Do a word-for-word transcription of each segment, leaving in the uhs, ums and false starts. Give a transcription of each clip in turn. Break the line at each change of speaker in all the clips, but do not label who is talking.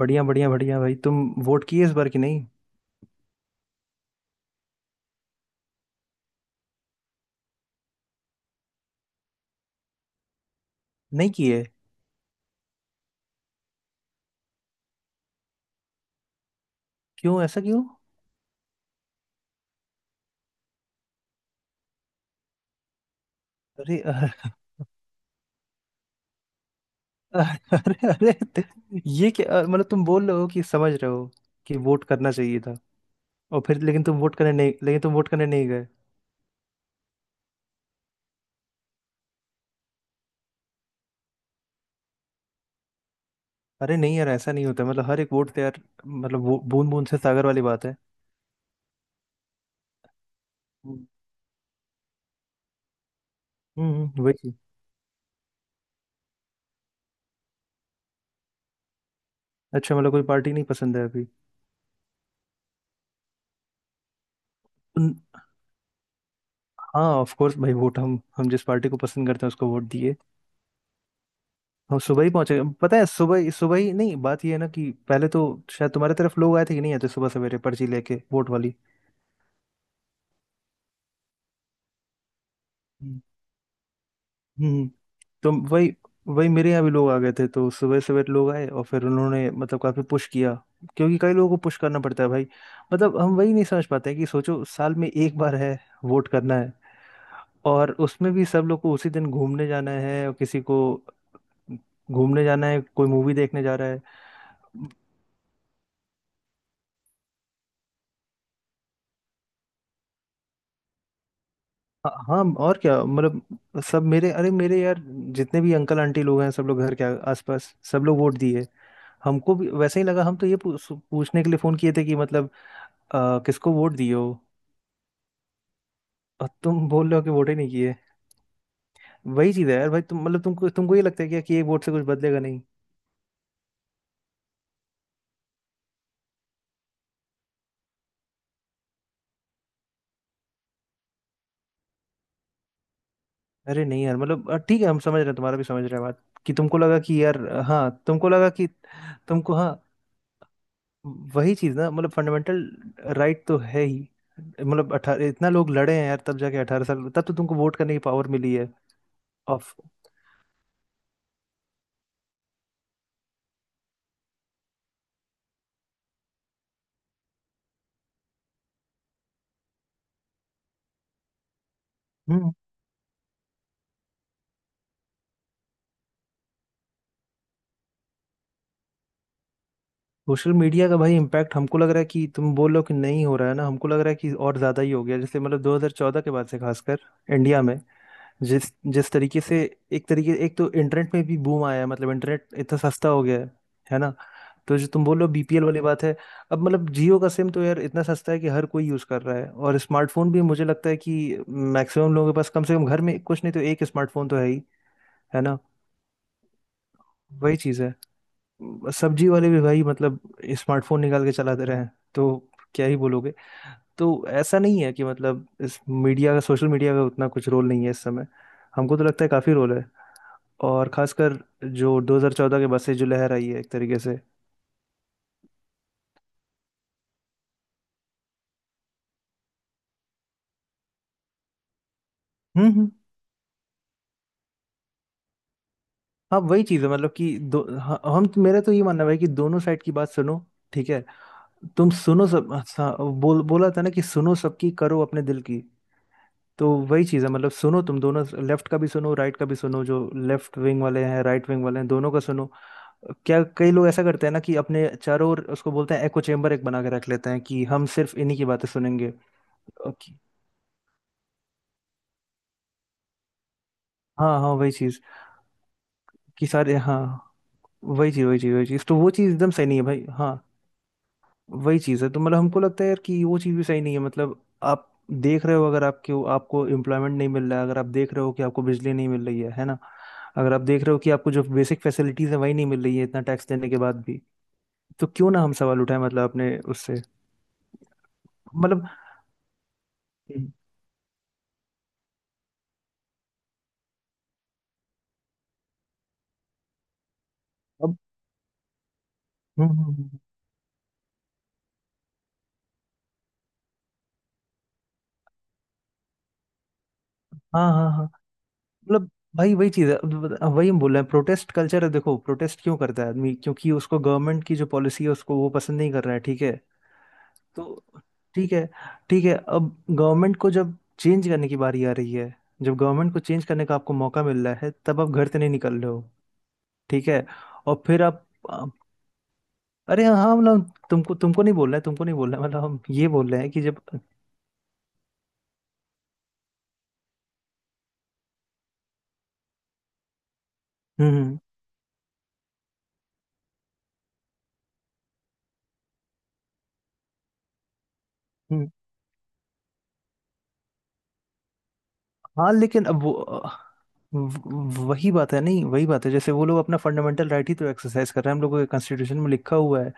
बढ़िया बढ़िया बढ़िया भाई। तुम वोट किए इस बार की नहीं? नहीं किए? क्यों ऐसा क्यों? अरे अरे अरे ते- ये क्या मतलब, तुम बोल रहे हो कि समझ रहे हो कि वोट करना चाहिए था, और फिर लेकिन तुम वोट करने नहीं, लेकिन तुम वोट करने नहीं गए? अरे नहीं यार, ऐसा नहीं होता। मतलब हर एक वोट तो यार, मतलब वो बूंद बूंद से सागर वाली बात है। हम्म। हम्म, वही चीज। अच्छा मतलब कोई पार्टी नहीं पसंद है अभी? उन- हाँ ऑफ कोर्स भाई, वोट हम हम जिस पार्टी को पसंद करते हैं उसको वोट दिए। हम सुबह ही पहुंचे, पता है। सुबह ही- सुबह ही नहीं, बात ये है ना कि पहले तो शायद तुम्हारे तरफ लोग आए थे कि नहीं आए थे सुबह सवेरे, पर्ची लेके, वोट वाली? हम्म। हम्म, तो वही। वही मेरे यहाँ भी लोग आ गए थे, तो सुबह सवेरे लोग आए और फिर उन्होंने मतलब काफी पुश किया, क्योंकि कई लोगों को पुश करना पड़ता है भाई। मतलब हम वही नहीं समझ पाते हैं कि सोचो, साल में एक बार है वोट करना, है और उसमें भी सब लोग को उसी दिन घूमने जाना है, और किसी को घूमने जाना है, कोई मूवी देखने जा रहा है। हाँ हाँ, और क्या। मतलब सब मेरे, अरे मेरे यार जितने भी अंकल आंटी लोग हैं, सब लोग घर के आ- आसपास सब लोग वोट दिए। हमको भी वैसे ही लगा, हम तो ये पूछ, पूछने के लिए फोन किए थे कि मतलब आ, किसको वोट दिए हो, और तुम बोल रहे हो कि वोट ही नहीं किए। वही चीज़ है यार भाई, तुम मतलब तुमको तुमको ये लगता है क्या कि एक वोट से कुछ बदलेगा नहीं? अरे नहीं यार, मतलब अ, ठीक है, हम समझ रहे हैं, तुम्हारा भी समझ रहे हैं बात कि तुमको लगा कि यार अ, हाँ तुमको लगा कि तुमको, हाँ वही चीज ना, मतलब फंडामेंटल राइट तो है ही। मतलब अठारह, इतना लोग लड़े हैं यार, तब जाके अठारह साल, तब तो तुमको वोट करने की पावर मिली है। ऑफ। हम्म। सोशल मीडिया का भाई इम्पैक्ट, हमको लग रहा है कि तुम बोल रहे हो कि नहीं हो रहा है ना, हमको लग रहा है कि और ज्यादा ही हो गया, जैसे मतलब दो हज़ार चौदह के बाद से खासकर इंडिया में, जिस जिस तरीके से। एक तरीके, एक तो इंटरनेट में भी बूम आया है, मतलब इंटरनेट इतना सस्ता हो गया है है ना। तो जो तुम बोल रहे हो बीपीएल वाली बात है, अब मतलब जियो का सिम तो यार इतना सस्ता है कि हर कोई यूज़ कर रहा है, और स्मार्टफोन भी मुझे लगता है कि मैक्सिमम लोगों के पास, कम से कम घर में, कुछ नहीं तो एक स्मार्टफोन तो है ही, है ना। वही चीज़ है, सब्जी वाले भी भाई मतलब स्मार्टफोन निकाल के चलाते रहे हैं, तो क्या ही बोलोगे। तो ऐसा नहीं है कि मतलब इस मीडिया का, सोशल मीडिया का उतना कुछ रोल नहीं है इस समय। हमको तो लगता है काफ़ी रोल है, और खासकर जो दो हज़ार चौदह के बसे जो लहर आई है एक तरीके से। हम्म। हम्म। हाँ वही चीज़ है मतलब कि दो, हाँ, हम, मेरा तो ये मानना है भाई कि दोनों साइड की बात सुनो। ठीक है, तुम सुनो सब, हाँ, बोल बोला था ना कि सुनो सबकी, करो अपने दिल की। तो वही चीज़ है मतलब, सुनो तुम दोनों, लेफ्ट का भी सुनो, राइट का भी सुनो, जो लेफ्ट विंग वाले हैं, राइट विंग वाले हैं, दोनों का सुनो। क्या, कई लोग ऐसा करते हैं ना कि अपने चारों ओर उसको बोलते हैं एको चेम्बर, एक बना के रख लेते हैं कि हम सिर्फ इन्हीं की बातें सुनेंगे। ओके। हाँ हाँ, वही चीज़, कि सारे, हाँ, वही चीज वही चीज वही चीज, तो वो चीज एकदम सही नहीं है भाई, हाँ। वही चीज है, तो मतलब हमको लगता है यार कि वो चीज भी सही नहीं है। मतलब आप देख रहे हो अगर आपके आपको एम्प्लॉयमेंट नहीं मिल रहा है, अगर आप देख रहे हो कि आपको बिजली नहीं मिल रही है है ना। अगर आप देख रहे हो कि आपको जो बेसिक फैसिलिटीज है वही नहीं मिल रही है, इतना टैक्स देने के बाद भी, तो क्यों ना हम सवाल उठाएं, मतलब अपने उससे। मतलब हम्म, अब हम्म। हम्म, हम्म, हम्म। हाँ हाँ हाँ। मतलब भाई वही चीज़ है, अब- अब वही हम बोल रहे हैं, प्रोटेस्ट कल्चर है, देखो प्रोटेस्ट क्यों करता है आदमी, क्योंकि उसको गवर्नमेंट की जो पॉलिसी है उसको वो पसंद नहीं कर रहा है, ठीक है। तो ठीक है, ठीक है, अब गवर्नमेंट को जब चेंज करने की बारी आ रही है, जब गवर्नमेंट को चेंज करने का आपको मौका मिल रहा है, तब आप घर से नहीं निकल रहे हो, ठीक है। और फिर आप, आप- अरे हाँ, मतलब तुमको तुमको नहीं बोल रहा है, तुमको नहीं बोल रहा है, मतलब हम ये बोल रहे हैं कि जब। हम्म हम्म हम्म। हाँ लेकिन अब वो, व- वही बात है, नहीं वही बात है, जैसे वो लोग अपना फंडामेंटल राइट ही तो एक्सरसाइज कर रहे हैं, हम लोगों के कॉन्स्टिट्यूशन में लिखा हुआ है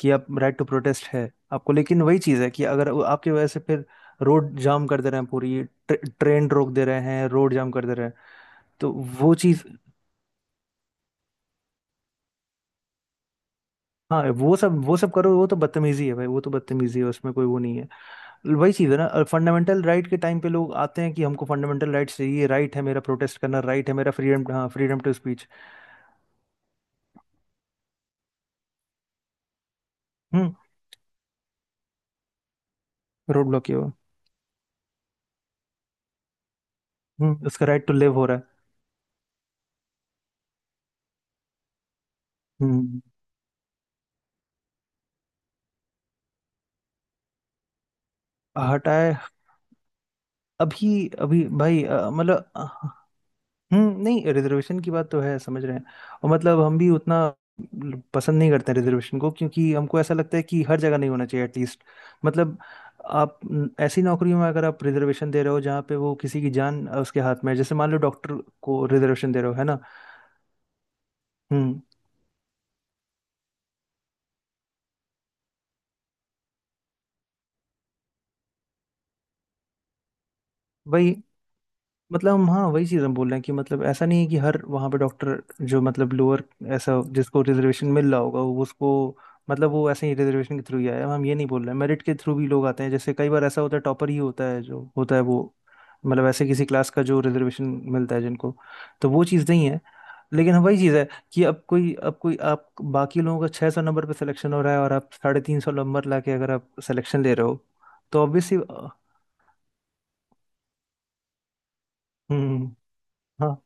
कि आप राइट टू प्रोटेस्ट है आपको। लेकिन वही चीज़ है कि अगर वो आपकी वजह से फिर रोड जाम कर दे रहे हैं, पूरी ट्रे, ट्रेन रोक दे रहे हैं, रोड जाम कर दे रहे हैं, तो वो चीज़। हाँ वो सब, वो सब करो वो तो बदतमीजी है भाई, वो तो बदतमीजी है, उसमें कोई वो नहीं है। वही चीज़ है ना, फंडामेंटल राइट के टाइम पे लोग आते हैं कि हमको फंडामेंटल राइट चाहिए, राइट है मेरा प्रोटेस्ट करना, राइट है मेरा फ्रीडम, हाँ, freedom to speech. Road block किया हुआ। हम्म, उसका राइट टू लिव हो रहा है। हम्म, हटाए। अभी अभी भाई, अ, मतलब अ, हम्म, नहीं रिजर्वेशन की बात तो है, समझ रहे हैं। और मतलब हम भी उतना पसंद नहीं करते हैं रिजर्वेशन को, क्योंकि हमको ऐसा लगता है कि हर जगह नहीं होना चाहिए एटलीस्ट। मतलब आप न, ऐसी नौकरियों में अगर आप रिजर्वेशन दे रहे हो जहाँ पे वो किसी की जान अ, उसके हाथ में है, जैसे मान लो डॉक्टर को रिजर्वेशन दे रहे हो, है ना। हम्म। भाई मतलब हम, हाँ वही चीज़ हम बोल रहे हैं कि मतलब ऐसा नहीं है कि हर वहाँ पे डॉक्टर जो मतलब लोअर, ऐसा जिसको रिजर्वेशन मिल रहा होगा वो उसको, मतलब वो ऐसे ही रिजर्वेशन के थ्रू ही आया है। हम ये नहीं बोल रहे हैं, मेरिट के थ्रू भी लोग आते हैं, जैसे कई बार ऐसा होता है टॉपर ही होता है जो होता है, वो मतलब ऐसे किसी क्लास का जो रिजर्वेशन मिलता है जिनको, तो वो चीज़ नहीं है। लेकिन वही चीज़ है कि अब कोई, अब कोई, आप बाकी लोगों का छः सौ नंबर पे सिलेक्शन हो रहा है, और आप साढ़े तीन सौ नंबर ला के अगर आप सिलेक्शन ले रहे हो, तो ऑब्वियसली। हम्म। हाँ।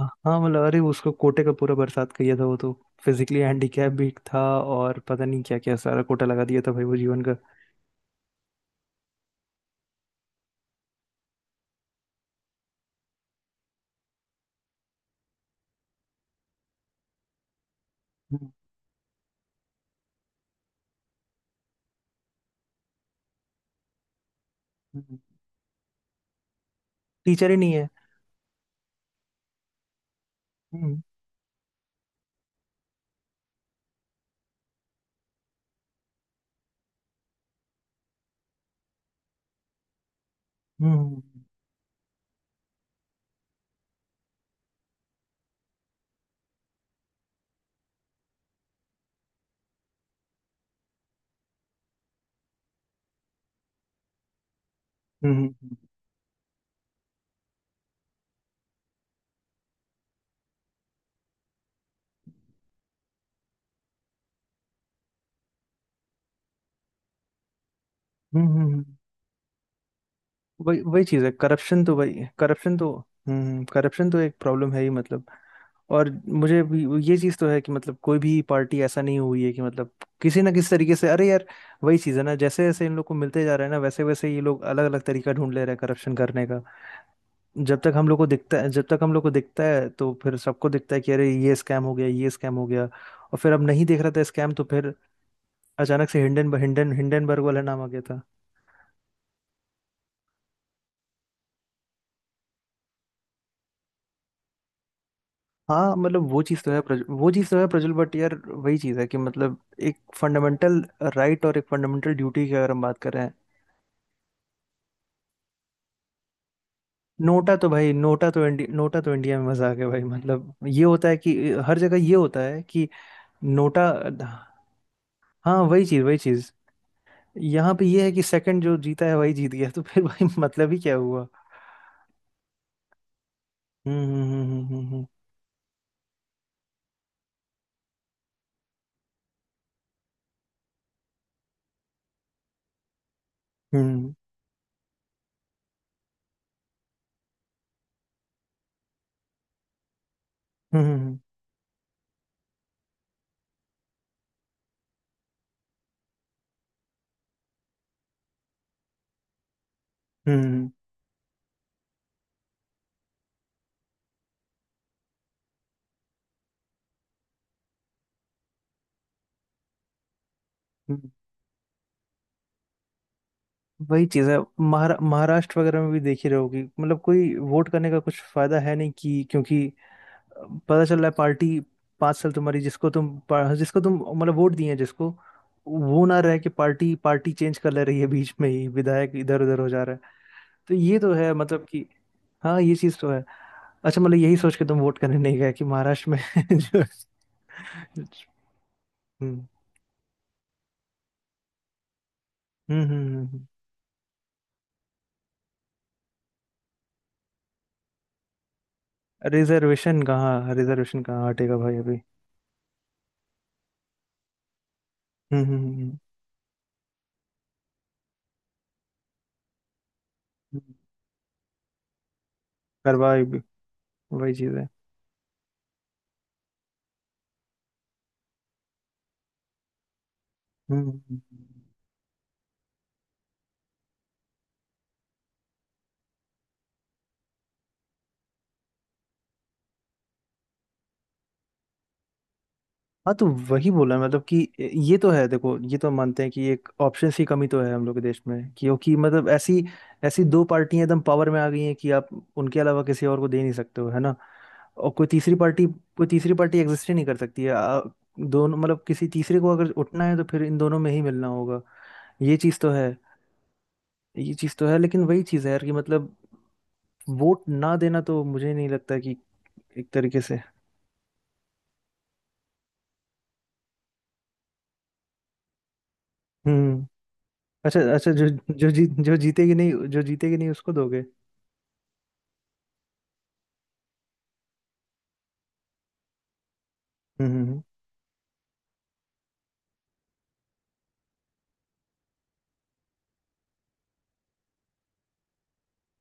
हाँ मतलब अरे, उसको कोटे का पूरा बरसात किया था वो तो, फिजिकली हैंडीकैप भी था और पता नहीं क्या क्या सारा कोटा लगा दिया था भाई वो जीवन का। हम्म, हम्म, टीचर ही नहीं है। हम्म, हम्म, हम्म, हम्म, हम्म, हम्म, हम्म, हम्म। वही, वही चीज है, करप्शन तो भाई, करप्शन तो। हम्म, करप्शन तो एक प्रॉब्लम है ही मतलब। और मुझे भी ये चीज तो है कि मतलब कोई भी पार्टी ऐसा नहीं हुई है कि मतलब किसी ना किसी तरीके से, अरे यार वही चीज है ना, जैसे जैसे इन लोग को मिलते जा रहा है ना, वैसे वैसे ये लोग अलग अलग तरीका ढूंढ ले रहे हैं करप्शन करने का। जब तक हम लोग को दिखता है जब तक हम लोग को दिखता है, तो फिर सबको दिखता है कि अरे ये स्कैम हो गया, ये स्कैम हो गया, और फिर अब नहीं दिख रहा था स्कैम, तो फिर अचानक से हिंडन हिंडन हिंडनबर्ग वाला नाम आ गया था। हाँ मतलब वो चीज़ तो है प्रज, वो चीज़ तो है प्रज्वल, बट यार वही चीज़ है कि मतलब एक फंडामेंटल राइट और एक फंडामेंटल ड्यूटी की अगर हम बात करें। नोटा तो भाई, नोटा तो इंडिया नोटा तो इंडिया में मजाक है भाई, मतलब ये होता है कि हर जगह ये होता है कि नोटा। हाँ वही चीज़, वही चीज़। यहाँ पे ये है कि सेकंड जो जीता है वही जीत गया, तो फिर भाई मतलब ही क्या हुआ। हम्म हम्म हम्म हम्म हम्म हम्म हम्म, हम्म। हम्म, हम्म, हम्म। वही चीज है, महारा, महाराष्ट्र वगैरह में भी देख ही रहोगी, मतलब कोई वोट करने का कुछ फायदा है नहीं कि, क्योंकि पता चल रहा है पार्टी, पांच साल तुम्हारी जिसको तुम पा- जिसको तुम मतलब वोट दिए हैं, जिसको वो ना रहे कि पार्टी, पार्टी चेंज कर ले रही है बीच में ही, विधायक इधर उधर हो जा रहा है। तो ये तो है मतलब कि, हाँ ये चीज तो है। अच्छा मतलब यही सोच के तुम वोट करने नहीं गए कि महाराष्ट्र में जो। हम्म हम्म हम्म हम्म, हम्म। रिजर्वेशन कहाँ, रिजर्वेशन कहाँ हटेगा भाई अभी। हम्म हम्म हम्म, हम्म। करवाए भी। वही चीज है। हम्म हम्म, हम्म। हम्म। हाँ तो वही बोला मतलब कि ये तो है, देखो ये तो मानते हैं कि एक ऑप्शंस की कमी तो है हम लोग के देश में, क्योंकि मतलब ऐसी, ऐसी दो पार्टियां एकदम पावर में आ गई हैं कि आप उनके अलावा किसी और को दे नहीं सकते हो, है ना। और कोई तीसरी पार्टी, कोई तीसरी पार्टी एग्जिस्ट ही नहीं कर सकती है। आ, दोनों मतलब, किसी तीसरे को अगर उठना है तो फिर इन दोनों में ही मिलना होगा। ये चीज़ तो है, ये चीज़ तो है, लेकिन वही चीज़ है यार कि मतलब वोट ना देना तो मुझे नहीं लगता कि। एक तरीके से। हम्म। अच्छा अच्छा, जो जो जीत, जो जीतेगी नहीं, जो जीतेगी नहीं उसको दोगे? हम्म हम्म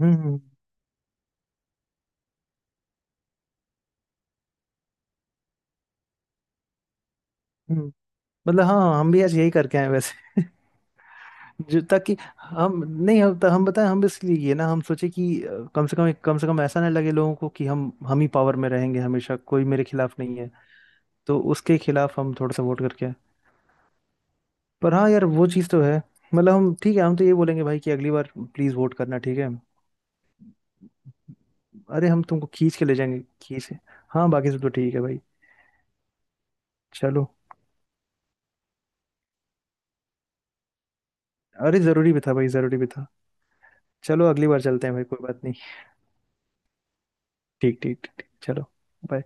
हम्म हम्म, हम्म। मतलब हाँ, हम भी आज यही करके आए वैसे। जो, ताकि हम नहीं, हम हम बताएं, हम इसलिए ये ना, हम सोचे कि अ, कम से कम कम से कम ऐसा ना लगे लोगों को कि हम हम ही पावर में रहेंगे हमेशा, कोई मेरे खिलाफ नहीं है। तो उसके खिलाफ हम थोड़ा सा वोट करके आए। पर हाँ यार, वो चीज़ तो है, मतलब हम, ठीक है, हम तो ये बोलेंगे भाई कि अगली बार प्लीज़ वोट करना, ठीक है। अरे हम तुमको खींच के ले जाएंगे, खींच। हाँ बाकी सब तो ठीक है भाई, चलो। अरे जरूरी भी था भाई, जरूरी भी था। चलो, अगली बार चलते हैं भाई, कोई बात नहीं। ठीक ठीक ठीक ठीक, चलो। bye।